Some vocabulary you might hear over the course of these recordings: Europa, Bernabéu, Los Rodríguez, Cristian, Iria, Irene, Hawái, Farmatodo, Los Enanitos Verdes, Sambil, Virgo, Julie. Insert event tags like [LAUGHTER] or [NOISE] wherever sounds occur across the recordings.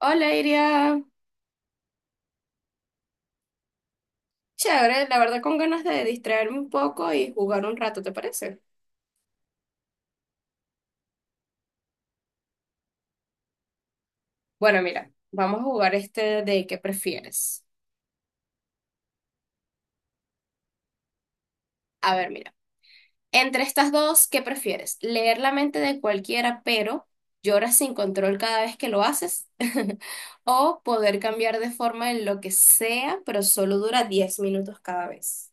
Hola, Iria. Chévere, la verdad con ganas de distraerme un poco y jugar un rato, ¿te parece? Bueno, mira, vamos a jugar este de ¿qué prefieres? A ver, mira, entre estas dos, ¿qué prefieres? ¿Leer la mente de cualquiera, pero lloras sin control cada vez que lo haces? [LAUGHS] ¿O poder cambiar de forma en lo que sea, pero solo dura 10 minutos cada vez?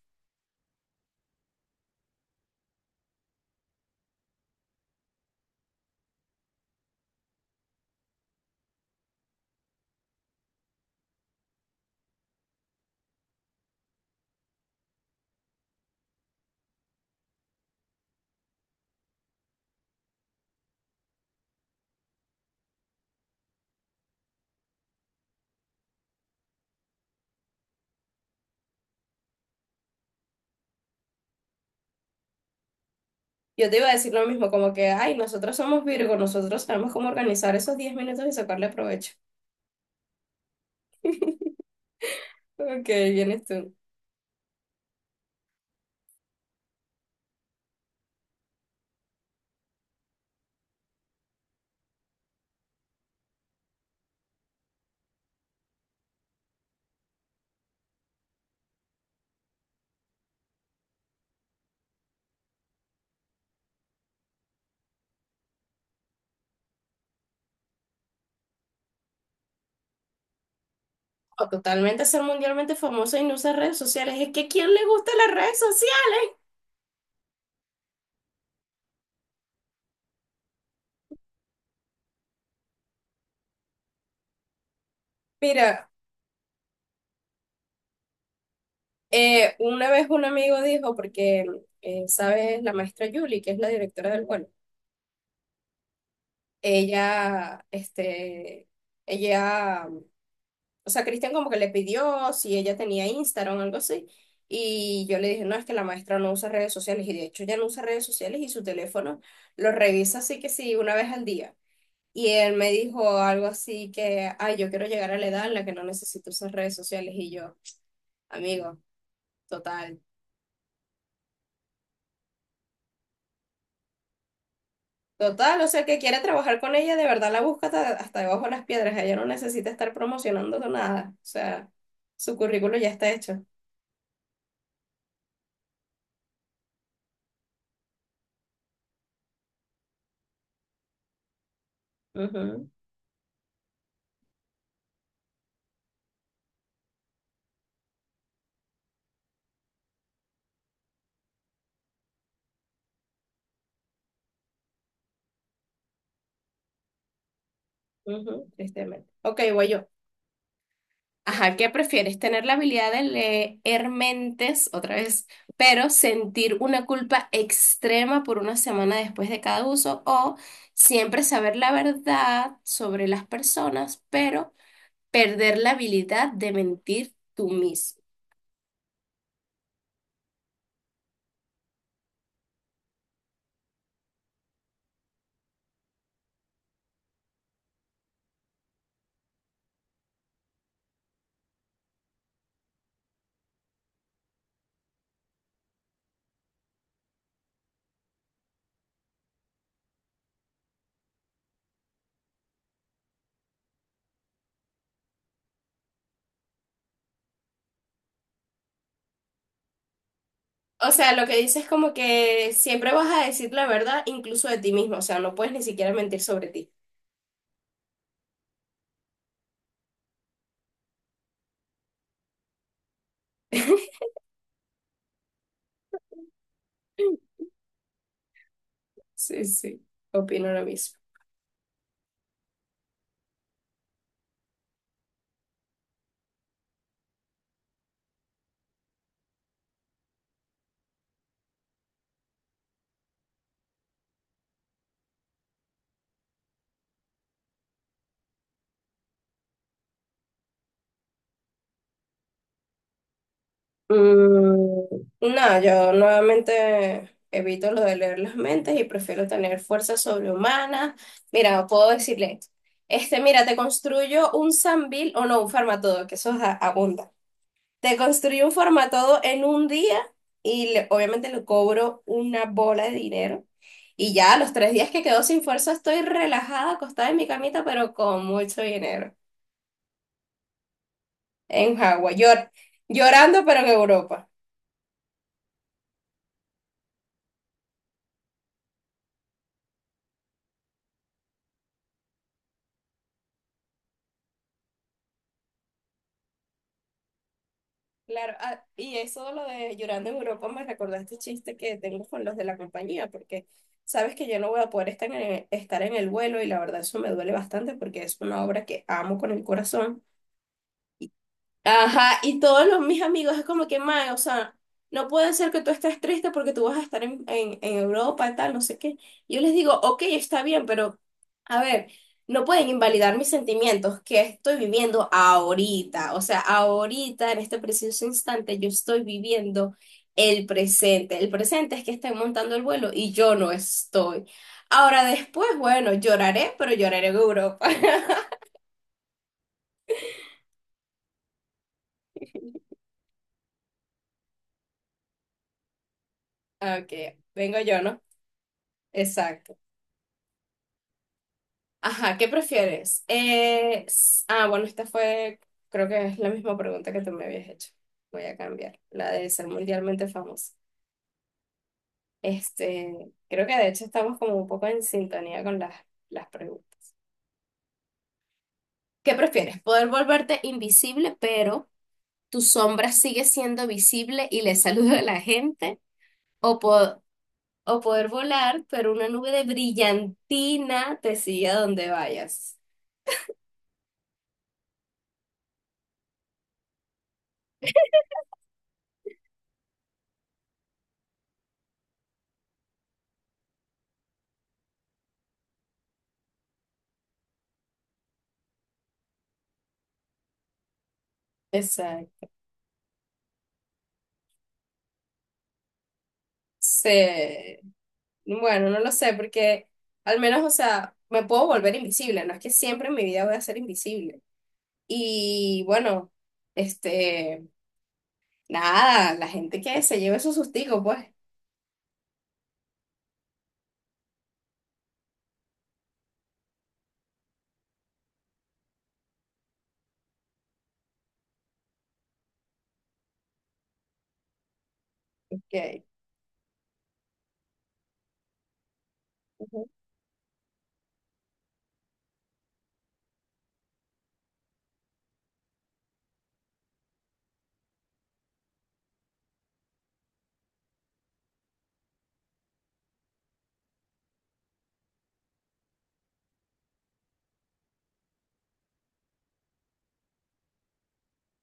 Yo te iba a decir lo mismo, como que, ay, nosotros somos Virgo, nosotros sabemos cómo organizar esos 10 minutos y sacarle provecho. [LAUGHS] Ok, vienes tú. O totalmente ser mundialmente famosa y no usar redes sociales. Es que ¿a quién le gustan las redes sociales? Mira, una vez un amigo dijo, porque, ¿sabes? La maestra Julie, que es la directora del vuelo, ella, este, ella, o sea, Cristian como que le pidió si ella tenía Instagram o algo así. Y yo le dije, no, es que la maestra no usa redes sociales. Y de hecho, ya no usa redes sociales y su teléfono lo revisa así que sí, una vez al día. Y él me dijo algo así que, ay, yo quiero llegar a la edad en la que no necesito usar redes sociales. Y yo, amigo, total, total, o sea, el que quiere trabajar con ella, de verdad la busca hasta, hasta debajo de las piedras. Ella no necesita estar promocionando nada. O sea, su currículo ya está hecho. Ujú, ujú, tristemente. Ok, voy yo. Ajá, ¿qué prefieres? ¿Tener la habilidad de leer mentes otra vez, pero sentir una culpa extrema por una semana después de cada uso? ¿O siempre saber la verdad sobre las personas, pero perder la habilidad de mentir tú mismo? O sea, lo que dices es como que siempre vas a decir la verdad incluso de ti mismo, o sea, no puedes ni siquiera mentir sobre ti. [LAUGHS] Sí, sí, opino lo mismo. Mm, no, yo nuevamente evito lo de leer las mentes y prefiero tener fuerza sobrehumanas. Mira, puedo decirle, mira, te construyo un Sambil o no, un Farmatodo, que eso es abunda. Te construyo un Farmatodo en un día y obviamente le cobro una bola de dinero. Y ya a los 3 días que quedo sin fuerza estoy relajada, acostada en mi camita, pero con mucho dinero. En Hawái, llorando, pero en Europa. Claro, ah, y eso de lo de llorando en Europa me recordó este chiste que tengo con los de la compañía, porque sabes que yo no voy a poder estar en el vuelo y la verdad eso me duele bastante porque es una obra que amo con el corazón. Ajá, y mis amigos es como que, mae, o sea, no puede ser que tú estés triste porque tú vas a estar en Europa y tal, no sé qué. Yo les digo, ok, está bien, pero a ver, no pueden invalidar mis sentimientos que estoy viviendo ahorita. O sea, ahorita, en este preciso instante, yo estoy viviendo el presente. El presente es que estén montando el vuelo y yo no estoy. Ahora después, bueno, lloraré, pero lloraré en Europa. [LAUGHS] Ok, vengo yo, ¿no? Exacto. Ajá, ¿qué prefieres? Ah, bueno, esta fue, creo que es la misma pregunta que tú me habías hecho. Voy a cambiar, la de ser mundialmente famoso. Creo que de hecho estamos como un poco en sintonía con las preguntas. ¿Qué prefieres? ¿Poder volverte invisible, pero tu sombra sigue siendo visible y le saluda a la gente? ¿O, po- o poder volar, pero una nube de brillantina te sigue a donde vayas? Exacto. Sí. Bueno, no lo sé, porque al menos, o sea, me puedo volver invisible, no es que siempre en mi vida voy a ser invisible. Y bueno, este, nada, la gente que se lleve su sustigo, pues. que- Ujú.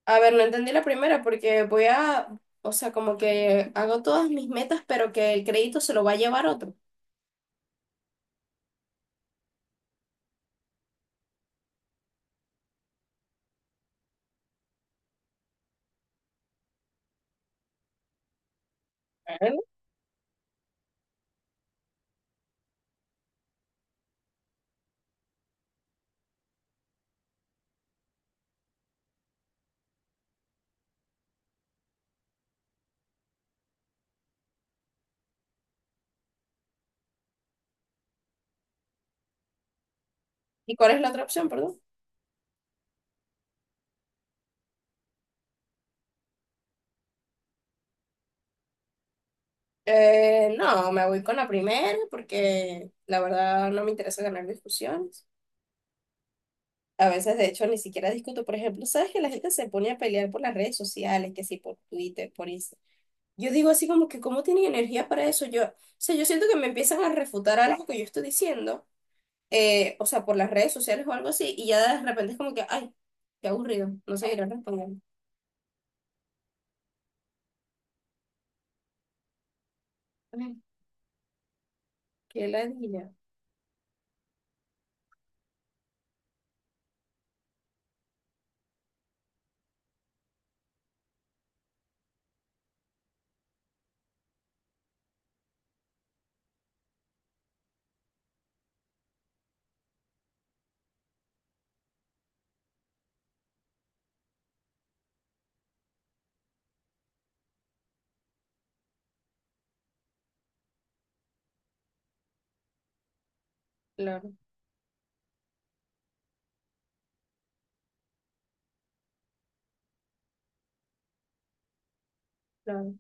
A ver, no entendí la primera porque o sea, como que hago todas mis metas, pero que el crédito se lo va a llevar otro. Bueno. ¿Y cuál es la otra opción, perdón? No, me voy con la primera porque la verdad no me interesa ganar discusiones. A veces, de hecho, ni siquiera discuto. Por ejemplo, sabes que la gente se pone a pelear por las redes sociales, que sí, por Twitter, por Instagram. Yo digo así como que, ¿cómo tienen energía para eso? Yo, o sea, yo siento que me empiezan a refutar algo que yo estoy diciendo, o sea, por las redes sociales o algo así, y ya de repente es como que, ay, qué aburrido, no seguirán respondiendo. Ay, qué ladilla. Claro, claro,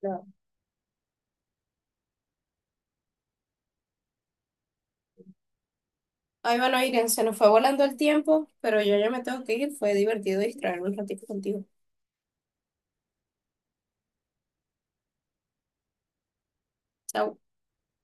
claro. Ay, bueno, Irene, se nos fue volando el tiempo, pero yo ya me tengo que ir. Fue divertido distraerme un ratito contigo. Chao.